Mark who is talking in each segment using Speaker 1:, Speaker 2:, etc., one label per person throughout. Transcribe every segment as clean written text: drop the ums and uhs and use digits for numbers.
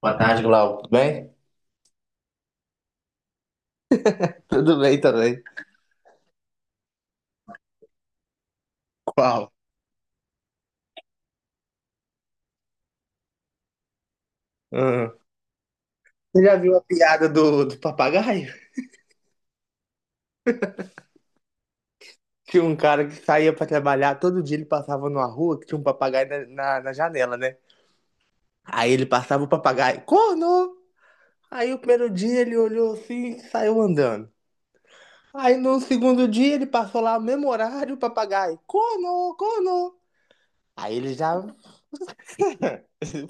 Speaker 1: Boa tarde, Glauco. Tudo bem? Tudo bem também. Qual? Hum. Você já viu a piada do papagaio? Tinha um cara que saía pra trabalhar, todo dia ele passava numa rua que tinha um papagaio na janela, né? Aí ele passava o papagaio, corno! Aí o primeiro dia ele olhou assim e saiu andando. Aí no segundo dia ele passou lá no mesmo horário, o papagaio, corno, corno! Aí ele já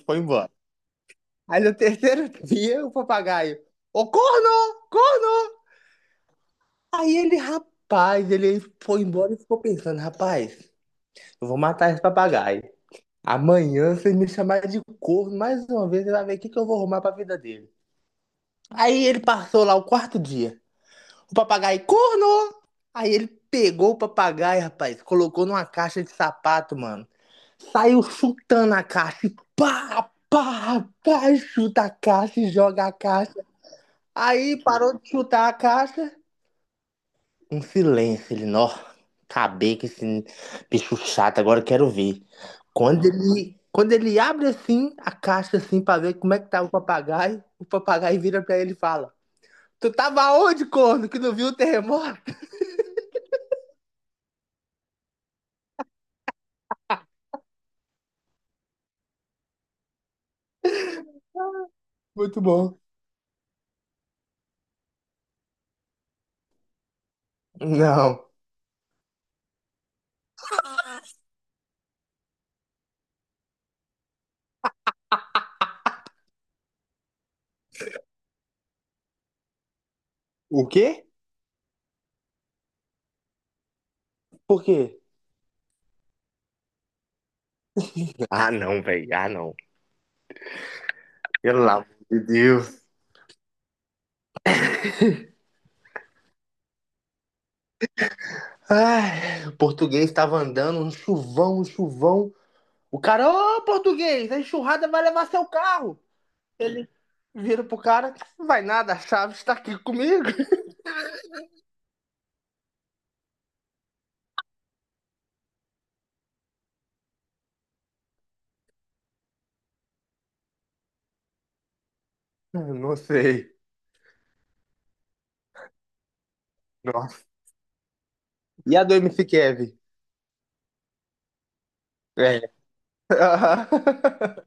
Speaker 1: foi embora. Aí no terceiro dia o papagaio, ô corno, corno! Aí ele, rapaz, ele foi embora e ficou pensando, rapaz, eu vou matar esse papagaio. Amanhã, se ele me chamar de corno mais uma vez, ele vai ver o que que eu vou arrumar pra vida dele. Aí ele passou lá o quarto dia. O papagaio, corno! Aí ele pegou o papagaio, rapaz, colocou numa caixa de sapato, mano. Saiu chutando a caixa. E pá, pá, pá, chuta a caixa e joga a caixa. Aí parou de chutar a caixa. Um silêncio, ele, nó, acabei com esse bicho chato, agora eu quero ver. Quando ele abre assim a caixa assim pra ver como é que tá o papagaio vira pra ele e fala: Tu tava onde, corno, que não viu o terremoto? Muito bom. Não. O quê? Por quê? Ah, não, velho. Ah, não. Pelo amor de Deus. Ai, o português tava andando, um chuvão, um chuvão. O cara, ô, português, a enxurrada vai levar seu carro. Ele, viro pro cara, não vai nada, a chave está aqui comigo. Não sei. Nossa. E a do MC Kevin? É. Uhum.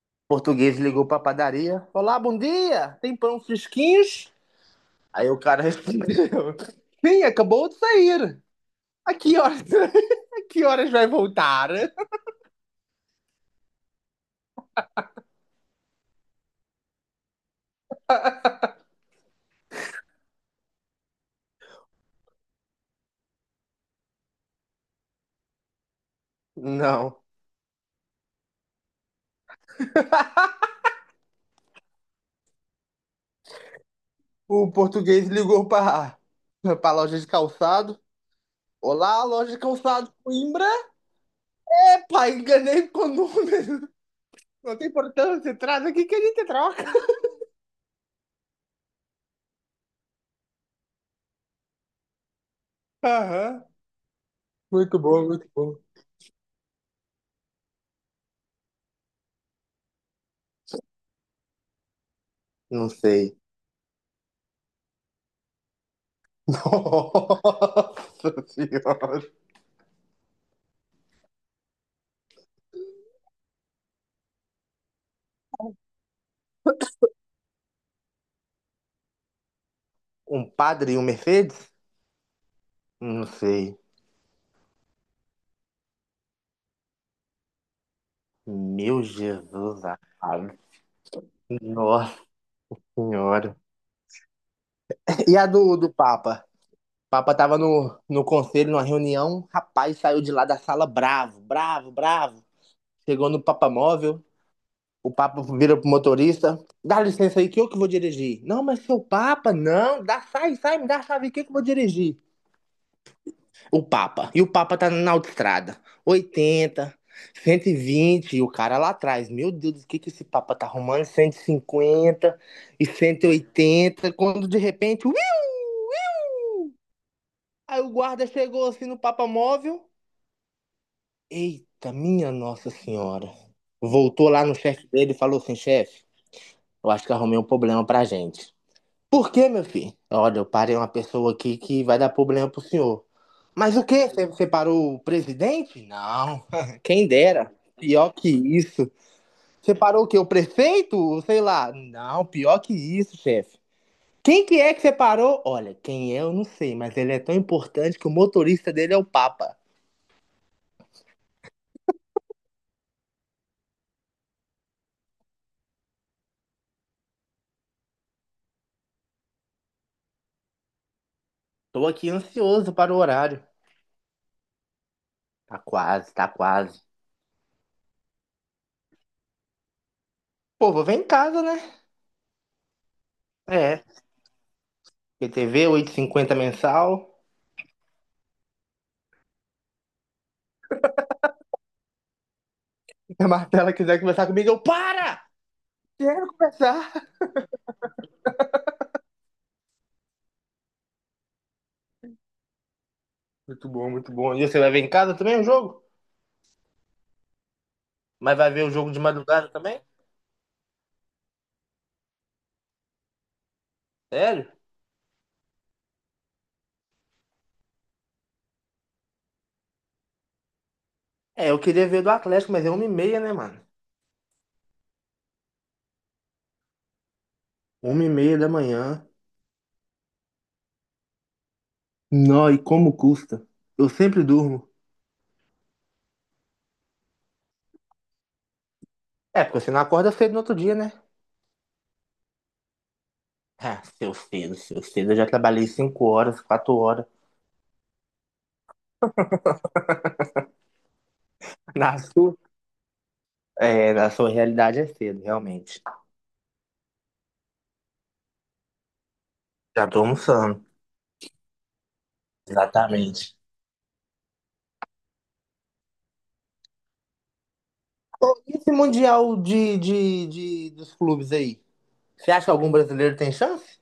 Speaker 1: Português ligou pra padaria. Olá, bom dia. Tem pão fresquinhos? Aí o cara respondeu. Sim, acabou de sair. A que horas, a que horas vai voltar? Não. O português ligou pra loja de calçado. Olá, loja de calçado Coimbra. Pai, enganei com o número. Não tem importância, traz aqui que a gente troca. Aham. Muito bom, muito bom. Não sei. Nossa senhora. Um padre e um Mercedes? Não sei. Meu Jesus amado. Nossa senhora. E a do, do Papa? O Papa tava no conselho, numa reunião. Rapaz, saiu de lá da sala bravo, bravo, bravo. Chegou no Papa Móvel. O Papa vira pro motorista. Dá licença aí que eu que vou dirigir. Não, mas seu Papa, não. Dá, sai, sai, me dá a chave aqui que eu vou dirigir. O Papa. E o Papa tá na autoestrada. 80, 120, e vinte, e o cara lá atrás. Meu Deus, o que que esse Papa tá arrumando? 150 e 180, quando de repente, uiu, uiu, aí o guarda chegou assim no Papa móvel. Eita, minha Nossa Senhora. Voltou lá no chefe dele e falou assim, chefe, eu acho que arrumei um problema pra gente. Por quê, meu filho? Olha, eu parei uma pessoa aqui que vai dar problema pro senhor. Mas o quê? Você parou o presidente? Não. Quem dera. Pior que isso. Você parou o quê? O prefeito? Sei lá. Não, pior que isso, chefe. Quem que é que você parou? Olha, quem é eu não sei, mas ele é tão importante que o motorista dele é o Papa. Tô aqui ansioso para o horário. Tá quase, tá quase. Pô, vou ver em casa, né? É. PTV, 8,50 mensal. Se a Martela quiser conversar comigo, eu para! Quero começar. Muito bom, muito bom. E você vai ver em casa também o jogo? Mas vai ver o jogo de madrugada também? Sério? É, eu queria ver do Atlético, mas é 1h30, né, mano? 1h30 da manhã. Não, e como custa? Eu sempre durmo. É, porque você não acorda cedo no outro dia, né? Ah, seu cedo, seu cedo. Eu já trabalhei 5 horas, 4 horas. Na sua, é, na sua realidade é cedo, realmente. Já tô almoçando. Exatamente. E esse Mundial de dos clubes aí? Você acha que algum brasileiro tem chance?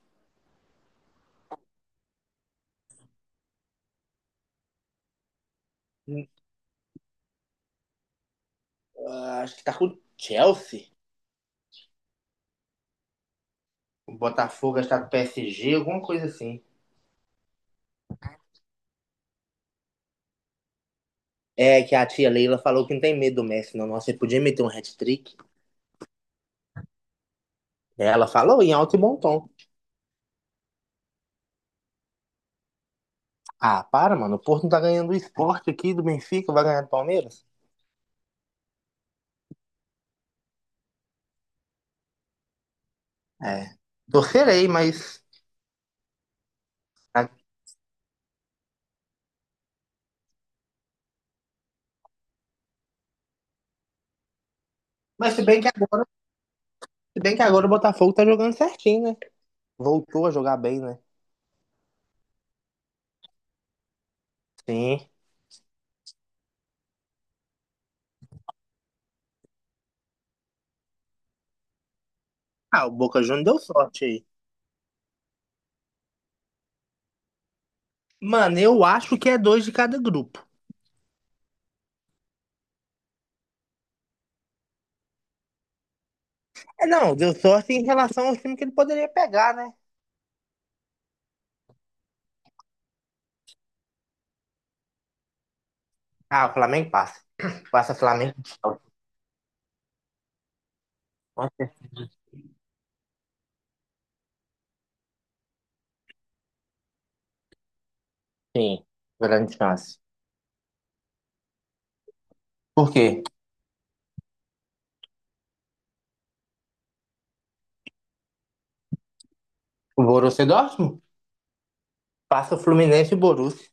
Speaker 1: Acho que tá com o Chelsea. O Botafogo está com o PSG, alguma coisa assim. É, que a tia Leila falou que não tem medo do Messi, não. Nossa, ele podia meter um hat-trick. É, ela falou em alto e bom tom. Ah, para, mano. O Porto não tá ganhando o Sport aqui do Benfica, vai ganhar do Palmeiras? É. Torcerei, mas. Mas se bem que agora, se bem que agora o Botafogo tá jogando certinho, né? Voltou a jogar bem, né? Sim. Ah, o Boca Juniors deu sorte aí. Mano, eu acho que é 2 de cada grupo. É, não, deu sorte em relação ao time que ele poderia pegar, né? Ah, o Flamengo passa. Passa Flamengo. Sim, grande chance. Por quê? O Borussia Dortmund? Passa o Fluminense e o Borussia.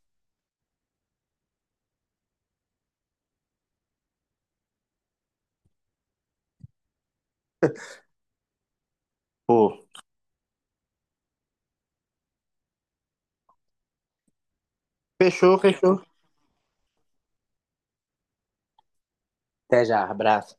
Speaker 1: Pô. Fechou, fechou. Até já, abraço.